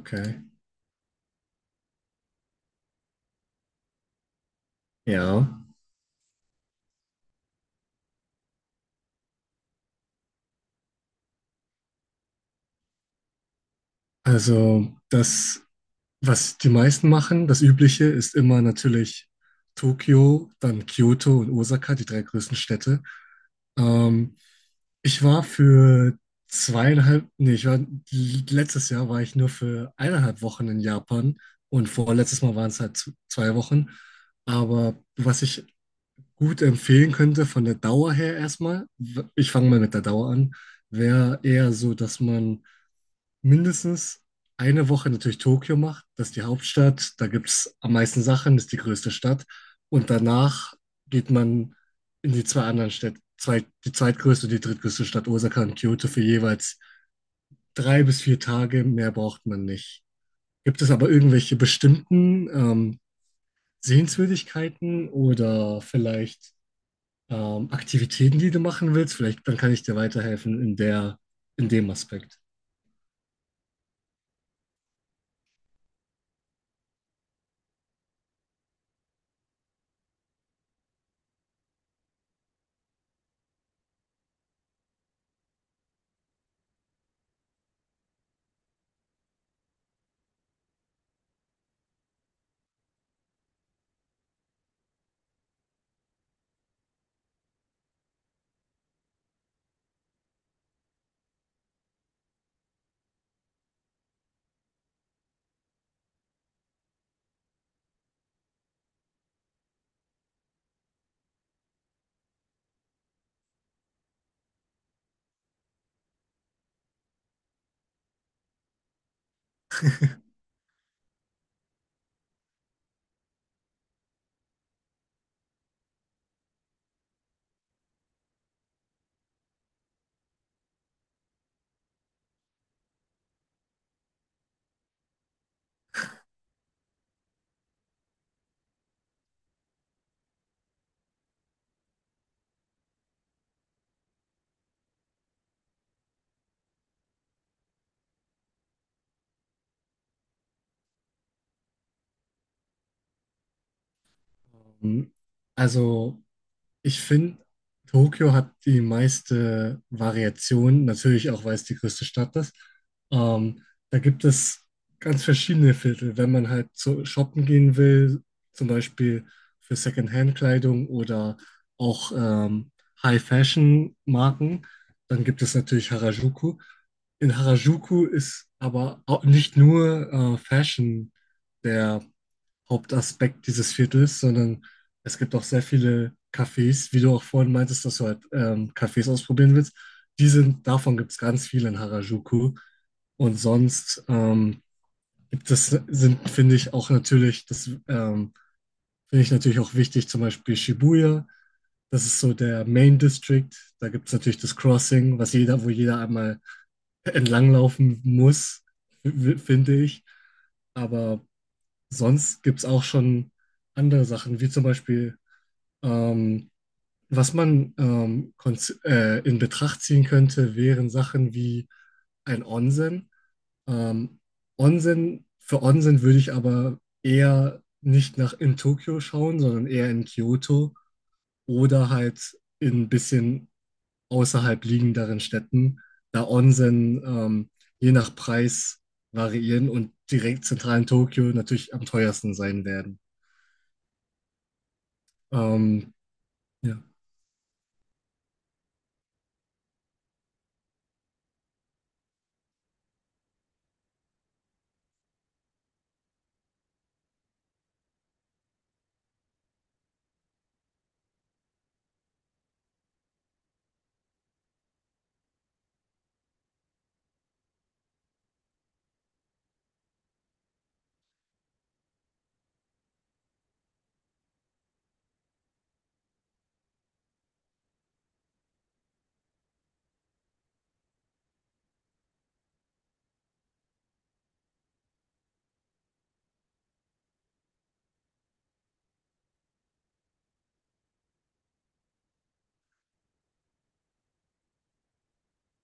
Okay. Ja. Also das, was die meisten machen, das Übliche ist immer natürlich Tokio, dann Kyoto und Osaka, die drei größten Städte. Ähm, Ich war für zweieinhalb, nee, ich war, letztes Jahr war ich nur für 1,5 Wochen in Japan und vorletztes Mal waren es halt 2 Wochen. Aber was ich gut empfehlen könnte von der Dauer her erstmal, ich fange mal mit der Dauer an, wäre eher so, dass man mindestens eine Woche natürlich Tokio macht. Das ist die Hauptstadt, da gibt es am meisten Sachen, das ist die größte Stadt. Und danach geht man in die zwei anderen Städte, zwei, die zweitgrößte und die drittgrößte Stadt Osaka und Kyoto für jeweils 3 bis 4 Tage. Mehr braucht man nicht. Gibt es aber irgendwelche bestimmten Sehenswürdigkeiten oder vielleicht Aktivitäten, die du machen willst? Vielleicht dann kann ich dir weiterhelfen in der, in dem Aspekt. Ähm, Also ich finde, Tokio hat die meiste Variation, natürlich auch, weil es die größte Stadt ist. Ähm, Da gibt es ganz verschiedene Viertel. Wenn man halt zu shoppen gehen will, zum Beispiel für Secondhand-Kleidung oder auch High-Fashion-Marken, dann gibt es natürlich Harajuku. In Harajuku ist aber auch nicht nur Fashion der Hauptaspekt dieses Viertels, sondern es gibt auch sehr viele Cafés, wie du auch vorhin meintest, dass du halt Cafés ausprobieren willst. Die sind, davon gibt es ganz viele in Harajuku. Und sonst gibt es, sind, finde ich, auch natürlich, das finde ich natürlich auch wichtig, zum Beispiel Shibuya. Das ist so der Main District. Da gibt es natürlich das Crossing, was jeder, wo jeder einmal entlanglaufen muss, finde ich. Aber sonst gibt es auch schon andere Sachen, wie zum Beispiel ähm, was man in Betracht ziehen könnte, wären Sachen wie ein Onsen. Ähm, Onsen, für Onsen würde ich aber eher nicht nach in Tokio schauen, sondern eher in Kyoto oder halt in ein bisschen außerhalb liegenderen Städten, da Onsen je nach Preis variieren und direkt zentral in Tokio natürlich am teuersten sein werden. Ähm, ja.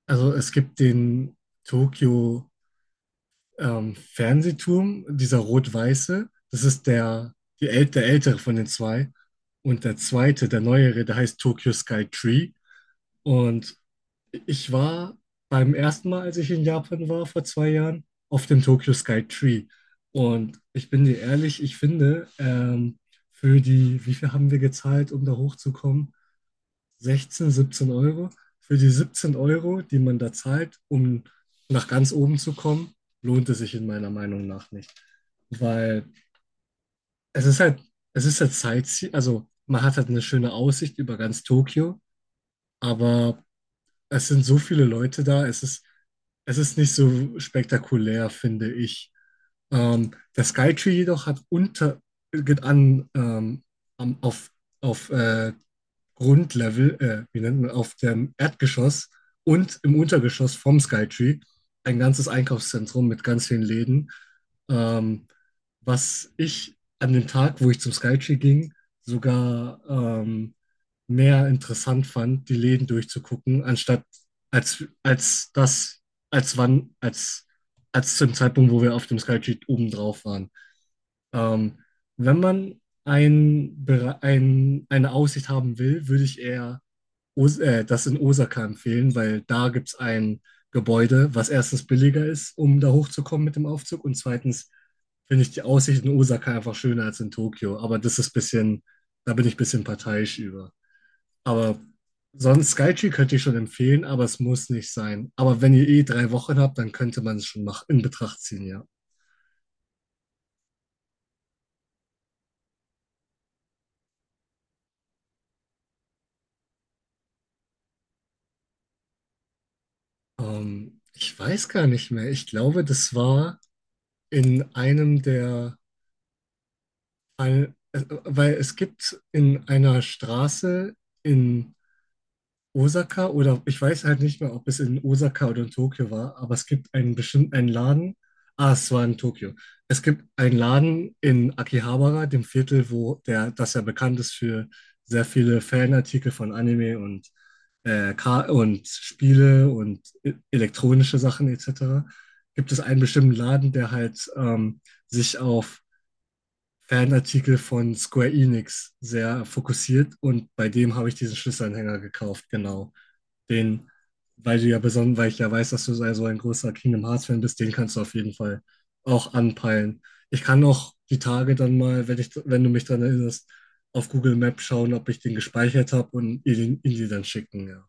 Also es gibt den Tokio Fernsehturm, dieser rot-weiße, das ist der, die äl der ältere von den zwei. Und der zweite, der neuere, der heißt Tokyo Sky Tree. Und ich war beim ersten Mal, als ich in Japan war, vor 2 Jahren, auf dem Tokyo Sky Tree. Und ich bin dir ehrlich, ich finde, für die, wie viel haben wir gezahlt, um da hochzukommen? 16, 17 Euro. Für die 17 Euro, die man da zahlt, um nach ganz oben zu kommen, lohnt es sich in meiner Meinung nach nicht. Weil es ist halt, es ist halt Sightseeing, also man hat halt eine schöne Aussicht über ganz Tokio, aber es sind so viele Leute da, es ist nicht so spektakulär, finde ich. Der Skytree jedoch hat unter, geht an, am- auf, auf Grundlevel, wie nennt man, auf dem Erdgeschoss und im Untergeschoss vom Skytree ein ganzes Einkaufszentrum mit ganz vielen Läden. Ähm, Was ich an dem Tag, wo ich zum Skytree ging, sogar mehr interessant fand, die Läden durchzugucken, anstatt als, als das, als wann, als zum Zeitpunkt, wo wir auf dem Skytree oben drauf waren. Ähm, Wenn man eine Aussicht haben will, würde ich eher Os das in Osaka empfehlen, weil da gibt es ein Gebäude, was erstens billiger ist, um da hochzukommen mit dem Aufzug und zweitens finde ich die Aussicht in Osaka einfach schöner als in Tokio. Aber das ist ein bisschen, da bin ich ein bisschen parteiisch über. Aber sonst Skytree könnte ich schon empfehlen, aber es muss nicht sein. Aber wenn ihr eh 3 Wochen habt, dann könnte man es schon in Betracht ziehen, ja. Ich weiß gar nicht mehr. Ich glaube, das war in einem der, ein, weil es gibt in einer Straße in Osaka oder ich weiß halt nicht mehr, ob es in Osaka oder in Tokio war, aber es gibt einen bestimmten einen Laden. Ah, es war in Tokio. Es gibt einen Laden in Akihabara, dem Viertel, das ja bekannt ist für sehr viele Fanartikel von Anime und, und Spiele und elektronische Sachen etc. Gibt es einen bestimmten Laden, der halt sich auf Fanartikel von Square Enix sehr fokussiert und bei dem habe ich diesen Schlüsselanhänger gekauft, genau. Den, weil du ja besonders, weil ich ja weiß, dass du so also ein großer Kingdom Hearts-Fan bist, den kannst du auf jeden Fall auch anpeilen. Ich kann auch die Tage dann mal, wenn du mich daran erinnerst, auf Google Maps schauen, ob ich den gespeichert habe und ihr ihn dir dann schicken, ja.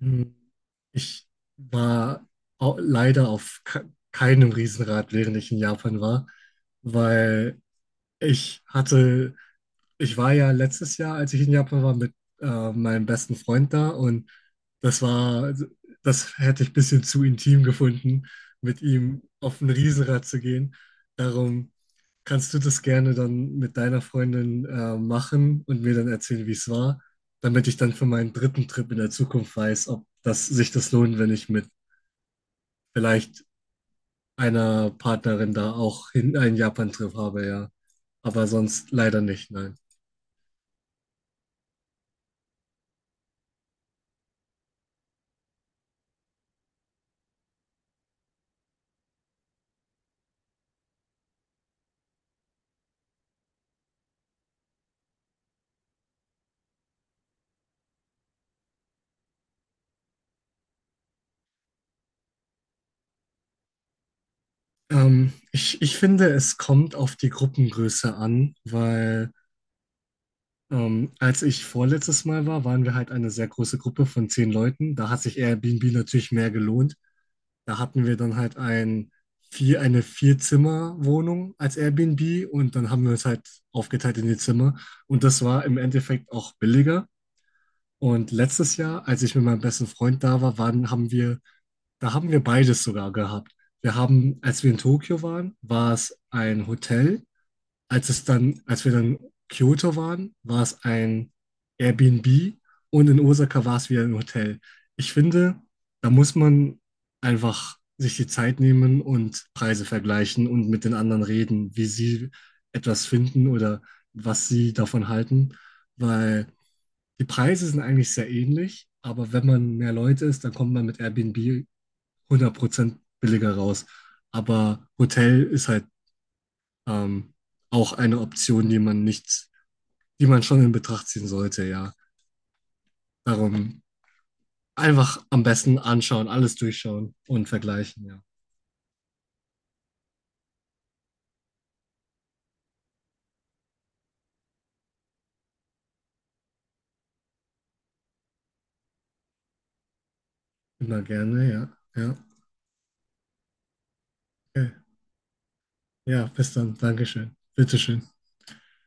Hm. Ich war leider auf keinem Riesenrad, während ich in Japan war, weil ich hatte. Ich war ja letztes Jahr, als ich in Japan war, mit meinem besten Freund da und das war, also, das hätte ich ein bisschen zu intim gefunden, mit ihm auf ein Riesenrad zu gehen. Darum kannst du das gerne dann mit deiner Freundin machen und mir dann erzählen, wie es war, damit ich dann für meinen dritten Trip in der Zukunft weiß, ob das sich das lohnt, wenn ich mit vielleicht einer Partnerin da auch hin einen Japan-Trip habe, ja. Aber sonst leider nicht, nein. Ich finde, es kommt auf die Gruppengröße an, weil als ich vorletztes Mal war, waren wir halt eine sehr große Gruppe von 10 Leuten. Da hat sich Airbnb natürlich mehr gelohnt. Da hatten wir dann halt eine Vier-Zimmer-Wohnung als Airbnb und dann haben wir uns halt aufgeteilt in die Zimmer. Und das war im Endeffekt auch billiger. Und letztes Jahr, als ich mit meinem besten Freund da war, da haben wir beides sogar gehabt. Wir haben, als wir in Tokio waren, war es ein Hotel. Als wir dann in Kyoto waren, war es ein Airbnb und in Osaka war es wieder ein Hotel. Ich finde, da muss man einfach sich die Zeit nehmen und Preise vergleichen und mit den anderen reden, wie sie etwas finden oder was sie davon halten, weil die Preise sind eigentlich sehr ähnlich, aber wenn man mehr Leute ist, dann kommt man mit Airbnb 100% billiger raus. Aber Hotel ist halt ähm, auch eine Option, die man nicht, die man schon in Betracht ziehen sollte, ja. Darum einfach am besten anschauen, alles durchschauen und vergleichen, ja. Immer gerne, ja. Ja, okay. Ja, bis dann. Dankeschön. Bitteschön.